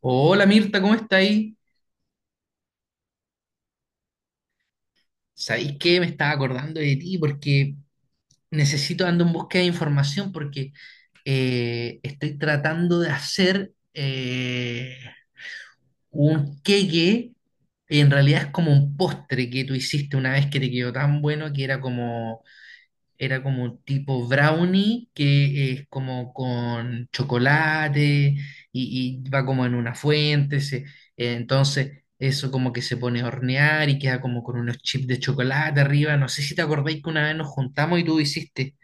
Hola Mirta, ¿cómo está ahí? ¿Sabéis qué? Me estaba acordando de ti porque necesito, ando en búsqueda de información porque estoy tratando de hacer un queque, en realidad es como un postre que tú hiciste una vez que te quedó tan bueno que era como. Era como un tipo brownie que es como con chocolate y va como en una fuente. Entonces eso como que se pone a hornear y queda como con unos chips de chocolate arriba. No sé si te acordáis que una vez nos juntamos y tú hiciste.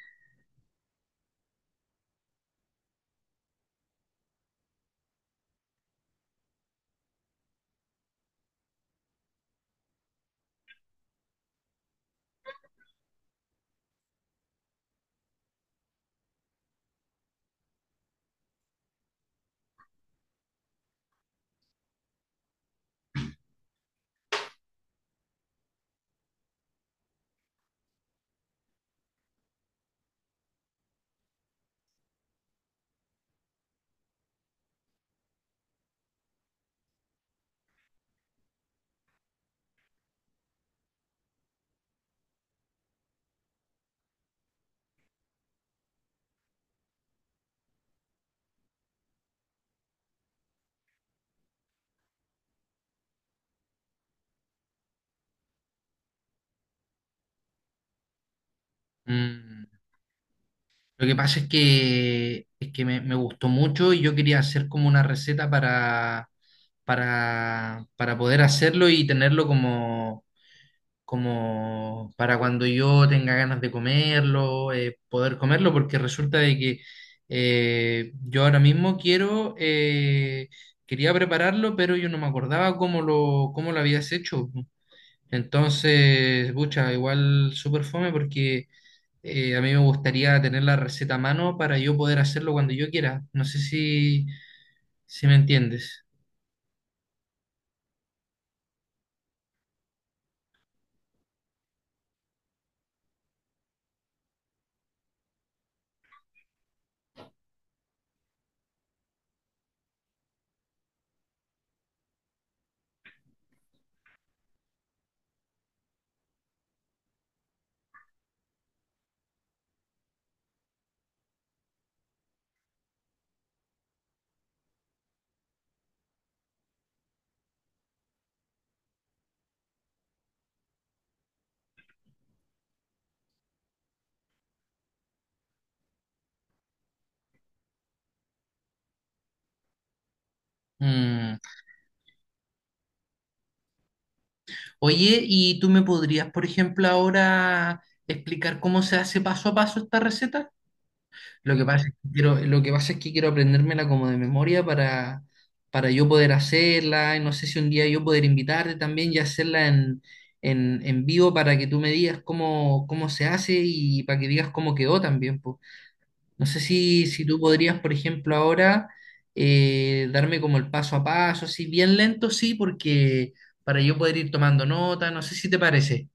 Mm. Lo que pasa es que me gustó mucho y yo quería hacer como una receta para poder hacerlo y tenerlo como como para cuando yo tenga ganas de comerlo, poder comerlo, porque resulta de que yo ahora mismo quiero, quería prepararlo, pero yo no me acordaba cómo lo habías hecho. Entonces, pucha, igual súper fome porque a mí me gustaría tener la receta a mano para yo poder hacerlo cuando yo quiera. No sé si, si me entiendes. Mm. Oye, ¿y tú me podrías, por ejemplo, ahora explicar cómo se hace paso a paso esta receta? Lo que pasa es que quiero aprendérmela como de memoria para yo poder hacerla, y no sé si un día yo poder invitarte también y hacerla en vivo para que tú me digas cómo, cómo se hace y para que digas cómo quedó también, pues. No sé si, si tú podrías, por ejemplo, ahora darme como el paso a paso, así bien lento, sí, porque para yo poder ir tomando nota, no sé si te parece.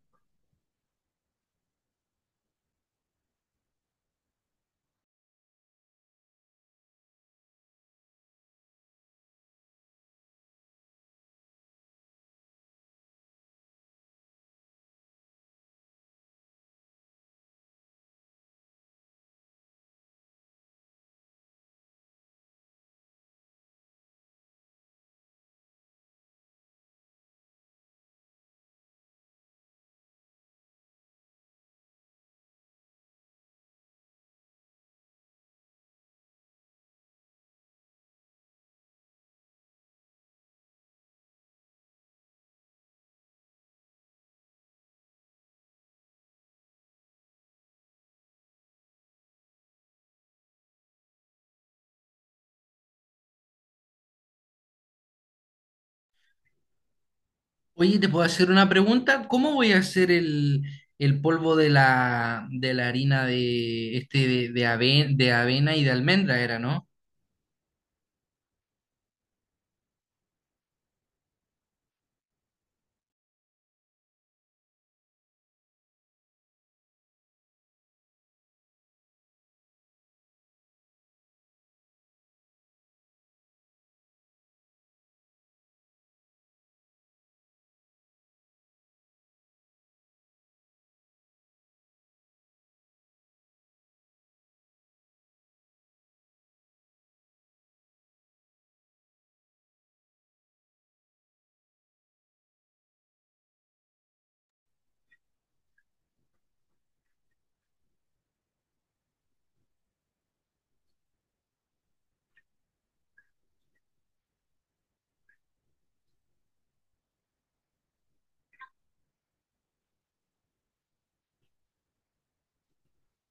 Oye, ¿te puedo hacer una pregunta? ¿Cómo voy a hacer el polvo de la harina de, este, de, de avena y de almendra era, ¿no?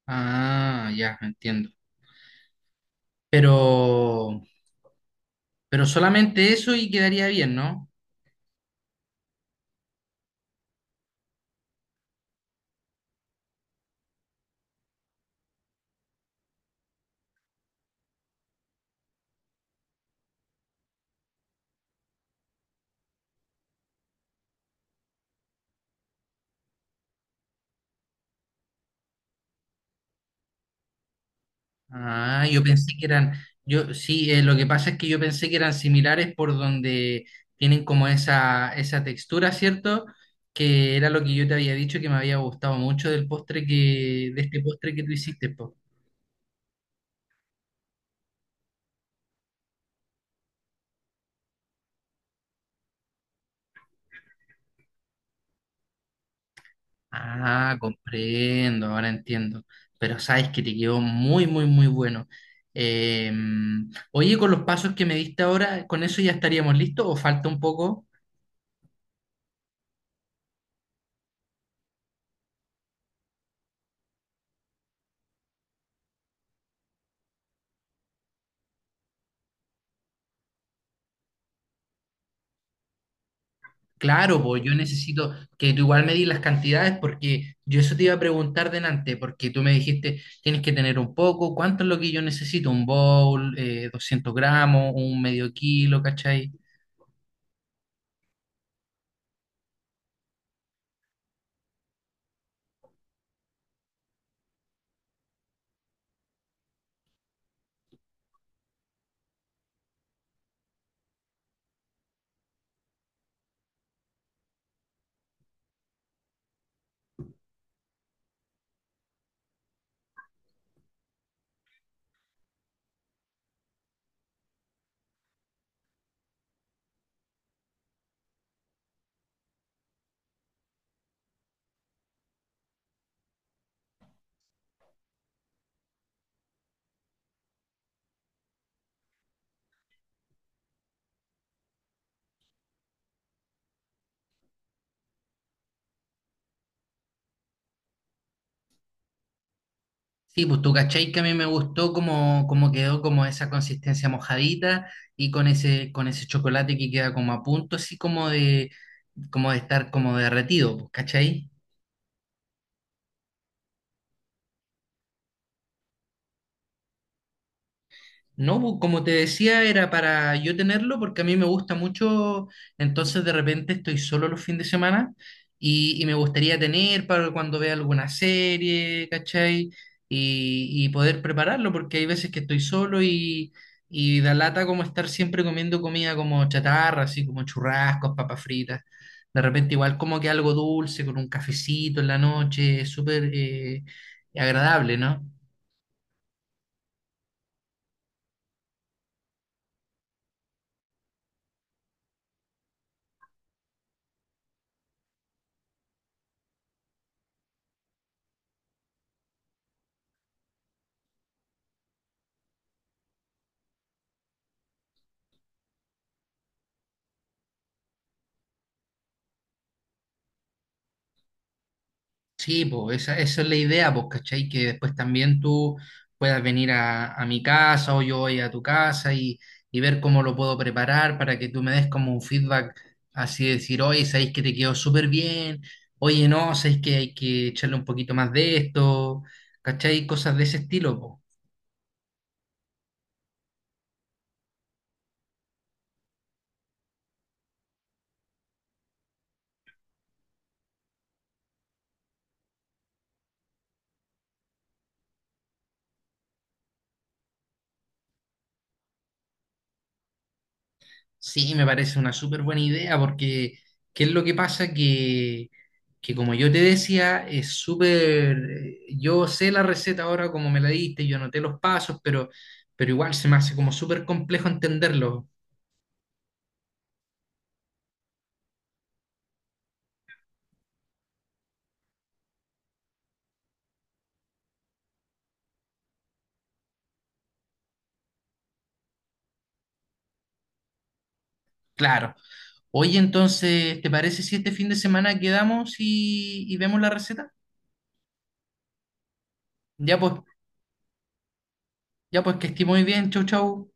Ah, ya, entiendo. Pero, pero solamente eso y quedaría bien, ¿no? Ah, yo pensé que eran, yo sí, lo que pasa es que yo pensé que eran similares por donde tienen como esa textura, ¿cierto? Que era lo que yo te había dicho que me había gustado mucho del postre de este postre que tú hiciste, po. Ah, comprendo, ahora entiendo. Pero sabes que te quedó muy, muy, muy bueno. Eh, oye, con los pasos que me diste ahora, ¿con eso ya estaríamos listos o falta un poco? Claro, pues yo necesito que tú igual me di las cantidades porque yo eso te iba a preguntar delante, porque tú me dijiste, tienes que tener un poco, ¿cuánto es lo que yo necesito? Un bowl, 200 gramos, un medio kilo, ¿cachai? Sí, pues tú cachai que a mí me gustó como, como quedó como esa consistencia mojadita y con ese chocolate que queda como a punto, así como de estar como derretido, pues, ¿cachai? No, como te decía, era para yo tenerlo porque a mí me gusta mucho, entonces de repente estoy solo los fines de semana y me gustaría tener para cuando vea alguna serie, ¿cachai? Y poder prepararlo porque hay veces que estoy solo y da lata como estar siempre comiendo comida como chatarra, así como churrascos, papas fritas. De repente igual como que algo dulce con un cafecito en la noche, es súper agradable, ¿no? Sí, pues esa es la idea, pues, ¿cachai? Que después también tú puedas venir a mi casa o yo voy a tu casa y ver cómo lo puedo preparar para que tú me des como un feedback, así de decir, oye, sabéis que te quedó súper bien, oye, no, sabéis que hay que echarle un poquito más de esto, ¿cachai? Cosas de ese estilo, pues. Sí, me parece una súper buena idea porque ¿qué es lo que pasa? Que como yo te decía, es súper... Yo sé la receta ahora como me la diste, yo anoté los pasos, pero igual se me hace como súper complejo entenderlo. Claro. Oye, entonces, ¿te parece si este fin de semana quedamos y vemos la receta? Ya pues, ya pues que esté muy bien. Chau, chau.